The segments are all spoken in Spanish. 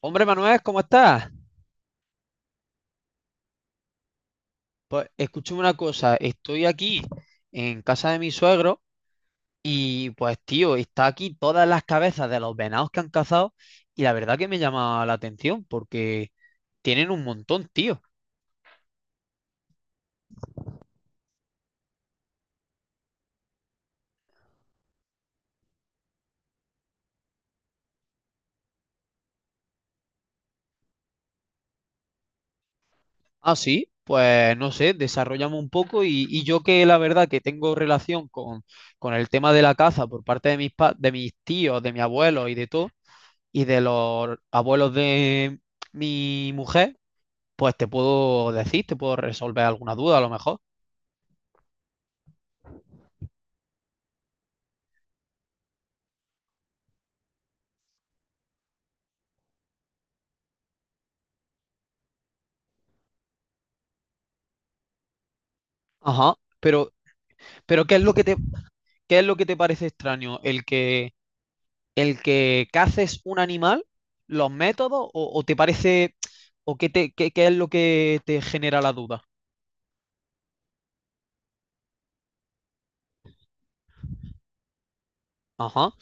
Hombre Manuel, ¿cómo estás? Pues escúchame una cosa, estoy aquí en casa de mi suegro y pues tío, está aquí todas las cabezas de los venados que han cazado y la verdad que me llama la atención porque tienen un montón, tío. Ah, sí, pues no sé, desarrollamos un poco y yo que la verdad que tengo relación con el tema de la caza por parte de de mis tíos, de mi abuelo y de todo, y de los abuelos de mi mujer pues te puedo decir, te puedo resolver alguna duda a lo mejor. Ajá. Pero ¿qué es lo qué es lo que te parece extraño? ¿El el que caces un animal, los métodos, o te parece, o qué te, qué, qué es lo que te genera la duda? Ajá,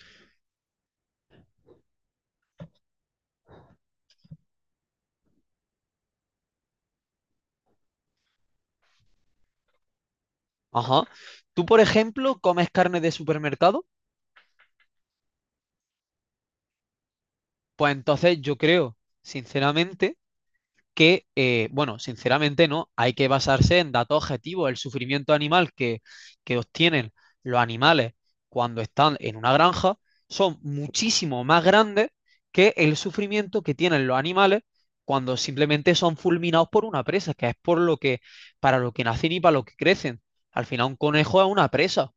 ajá. Tú, por ejemplo, comes carne de supermercado, pues entonces yo creo, sinceramente, que sinceramente no, hay que basarse en datos objetivos. El sufrimiento animal que obtienen los animales cuando están en una granja son muchísimo más grandes que el sufrimiento que tienen los animales cuando simplemente son fulminados por una presa, que es por lo que, para lo que nacen y para lo que crecen. Al final un conejo es una presa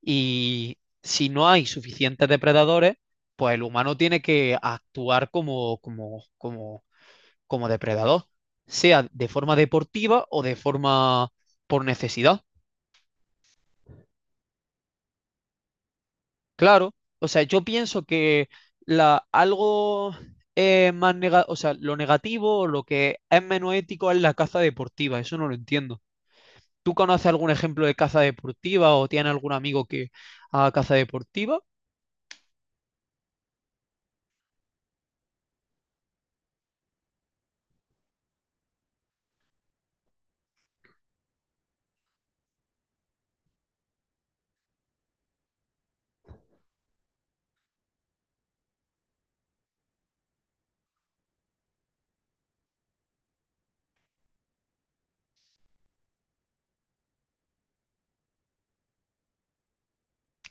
y si no hay suficientes depredadores, pues el humano tiene que actuar como como depredador, sea de forma deportiva o de forma por necesidad. Claro, o sea, yo pienso que la, algo más nega- o sea, lo negativo o lo que es menos ético es la caza deportiva, eso no lo entiendo. ¿Tú conoces algún ejemplo de caza deportiva o tienes algún amigo que haga caza deportiva?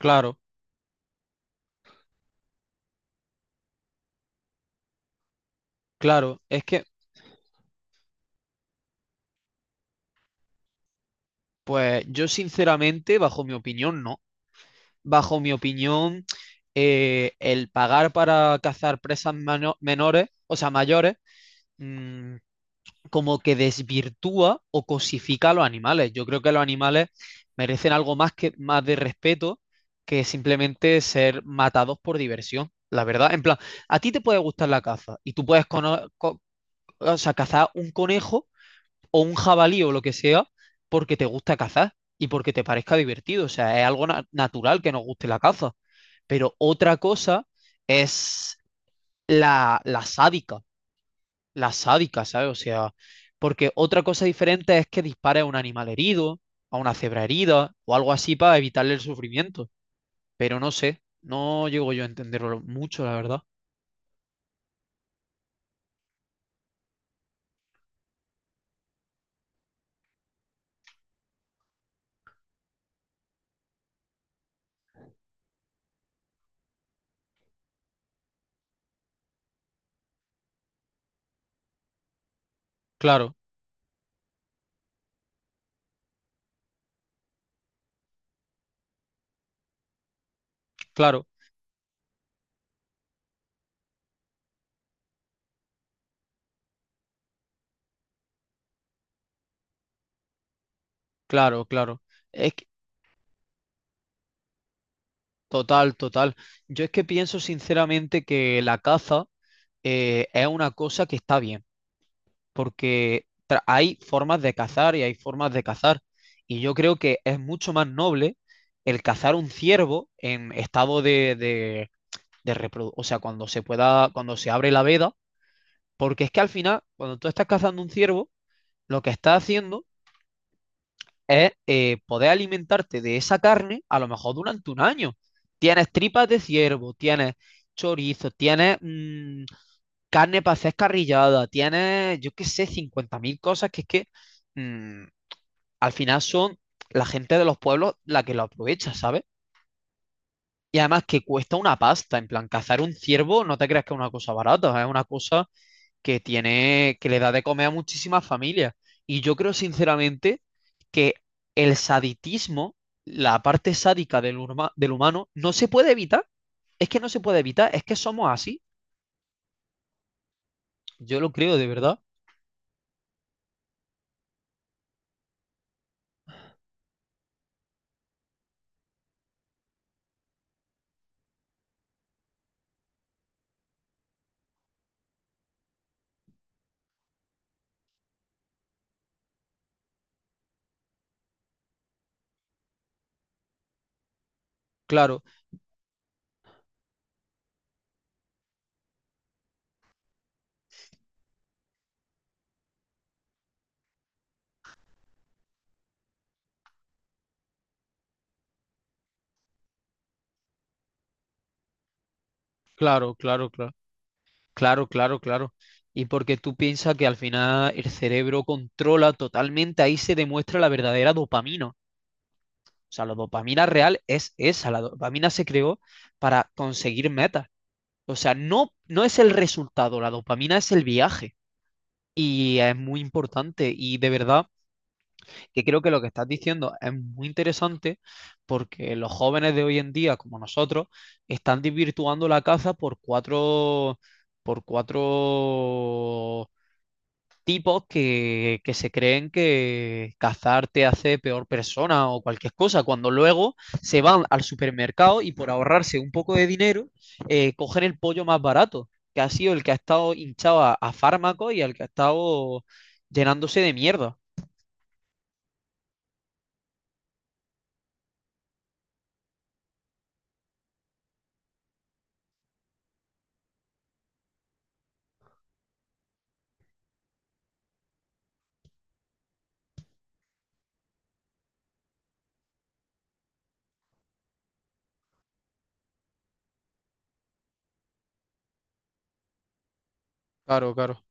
Claro, claro, es que, pues yo sinceramente, bajo mi opinión, no. Bajo mi opinión, el pagar para cazar presas mano- menores, o sea, mayores, mm, como que desvirtúa o cosifica a los animales. Yo creo que los animales merecen algo más que más de respeto que simplemente ser matados por diversión. La verdad, en plan, a ti te puede gustar la caza y tú puedes o sea, cazar un conejo o un jabalí o lo que sea porque te gusta cazar y porque te parezca divertido. O sea, es algo na- natural que nos guste la caza. Pero otra cosa es la, la sádica, la sádica, ¿sabes? O sea, porque otra cosa diferente es que dispare a un animal herido, a una cebra herida o algo así para evitarle el sufrimiento. Pero no sé, no llego yo a entenderlo mucho, la verdad. Claro, claro, claro, claro. Es que... Total, total. Yo es que pienso sinceramente que la caza es una cosa que está bien, porque tra- hay formas de cazar y hay formas de cazar. Y yo creo que es mucho más noble el cazar un ciervo en estado de reprodu- o sea, cuando se pueda, cuando se abre la veda, porque es que al final, cuando tú estás cazando un ciervo, lo que estás haciendo es poder alimentarte de esa carne a lo mejor durante 1 año. Tienes tripas de ciervo, tienes chorizo, tienes carne para hacer carrillada, tienes, yo qué sé, 50.000 cosas que es que mm, al final son la gente de los pueblos la que lo aprovecha, ¿sabes? Y además que cuesta una pasta, en plan, cazar un ciervo no te creas que es una cosa barata, es una cosa que tiene, que le da de comer a muchísimas familias. Y yo creo sinceramente que el saditismo, la parte sádica del, huma- del humano, no se puede evitar. Es que no se puede evitar, es que somos así. Yo lo creo de verdad. Claro, claro, claro, claro, claro, claro, claro. Y porque tú piensas que al final el cerebro controla totalmente, ahí se demuestra la verdadera dopamina. O sea, la dopamina real es esa. La dopamina se creó para conseguir metas. O sea, no es el resultado, la dopamina es el viaje. Y es muy importante y de verdad que creo que lo que estás diciendo es muy interesante porque los jóvenes de hoy en día, como nosotros, están desvirtuando la caza por cuatro tipos que se creen que cazar te hace peor persona o cualquier cosa, cuando luego se van al supermercado y por ahorrarse un poco de dinero, cogen el pollo más barato, que ha sido el que ha estado hinchado a fármacos y al que ha estado llenándose de mierda. Claro, claro.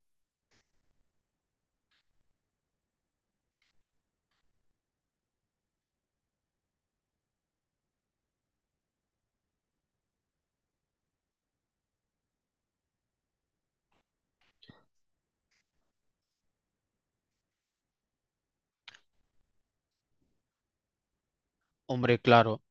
Hombre, claro,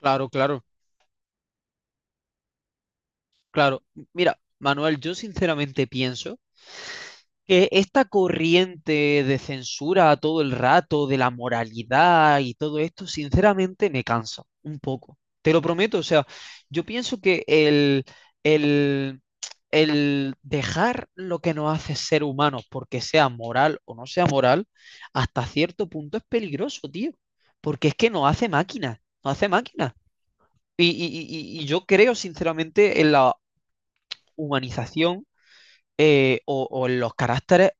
claro, claro, claro. Mira, Manuel, yo sinceramente pienso que esta corriente de censura todo el rato, de la moralidad y todo esto, sinceramente me cansa un poco. Te lo prometo, o sea, yo pienso que el, el dejar lo que nos hace ser humanos, porque sea moral o no sea moral, hasta cierto punto es peligroso, tío, porque es que nos hace máquinas, nos hace máquinas. Y, y- y y yo creo, sinceramente, en la humanización o en los caracteres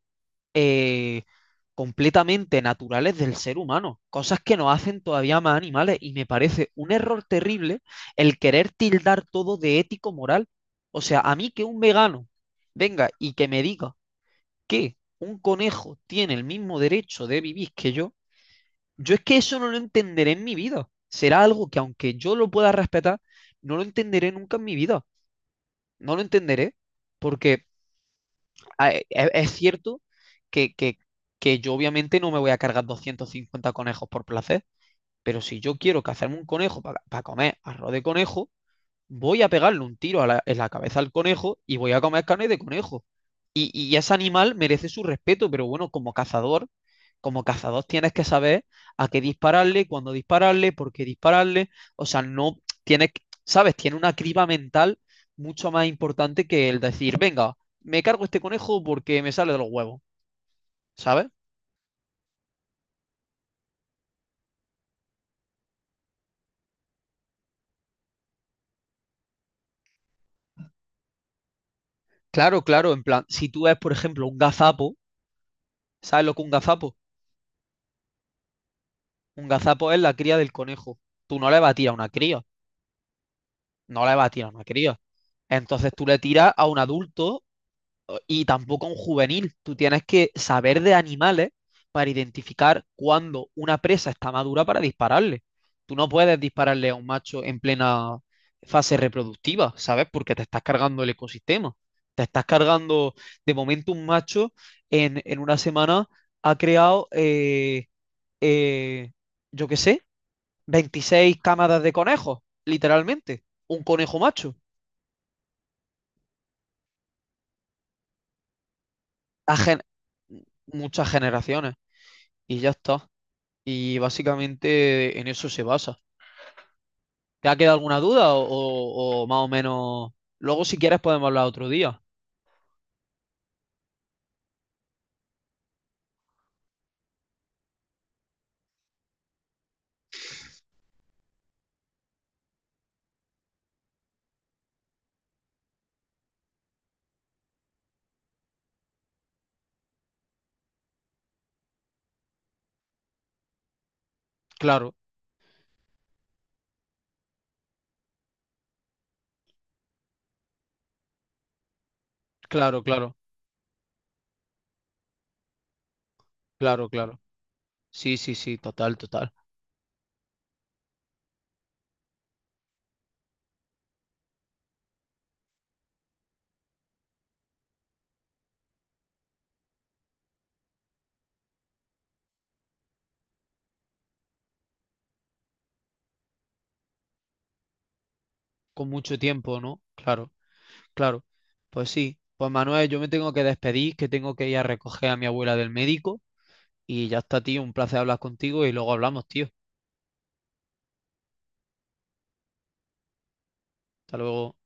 eh, completamente naturales del ser humano, cosas que nos hacen todavía más animales y me parece un error terrible el querer tildar todo de ético-moral. O sea, a mí que un vegano venga y que me diga que un conejo tiene el mismo derecho de vivir que yo es que eso no lo entenderé en mi vida. Será algo que aunque yo lo pueda respetar, no lo entenderé nunca en mi vida. No lo entenderé porque es cierto que, que, que yo obviamente no me voy a cargar 250 conejos por placer, pero si yo quiero cazarme un conejo para comer arroz de conejo, voy a pegarle un tiro a la- en la cabeza al conejo y voy a comer carne de conejo. Y ese animal merece su respeto, pero bueno, como cazador tienes que saber a qué dispararle, cuándo dispararle, por qué dispararle. O sea, no tienes, que- sabes, tiene una criba mental mucho más importante que el decir, venga, me cargo este conejo porque me sale de los huevos, ¿sabes? Claro, claro, en plan, si tú ves, por ejemplo, un gazapo, ¿sabes lo que es un gazapo? Un gazapo es la cría del conejo. Tú no le vas a tirar a una cría, no le vas a tirar a una cría. Entonces tú le tiras a un adulto y tampoco a un juvenil. Tú tienes que saber de animales para identificar cuándo una presa está madura para dispararle. Tú no puedes dispararle a un macho en plena fase reproductiva, ¿sabes? Porque te estás cargando el ecosistema. Te estás cargando, de momento un macho en una semana ha creado, eh, yo qué sé, 26 cámaras de conejos, literalmente. Un conejo macho. A gen- muchas generaciones. Y ya está. Y básicamente en eso se basa. ¿Te ha quedado alguna duda o más o menos? Luego si quieres podemos hablar otro día. Claro, claro, claro, claro, claro. Sí, sí, sí, total, total. Con mucho tiempo, ¿no? Claro, claro. Pues sí. Pues Manuel, yo me tengo que despedir, que tengo que ir a recoger a mi abuela del médico. Y ya está, tío. Un placer hablar contigo y luego hablamos, tío. Hasta luego.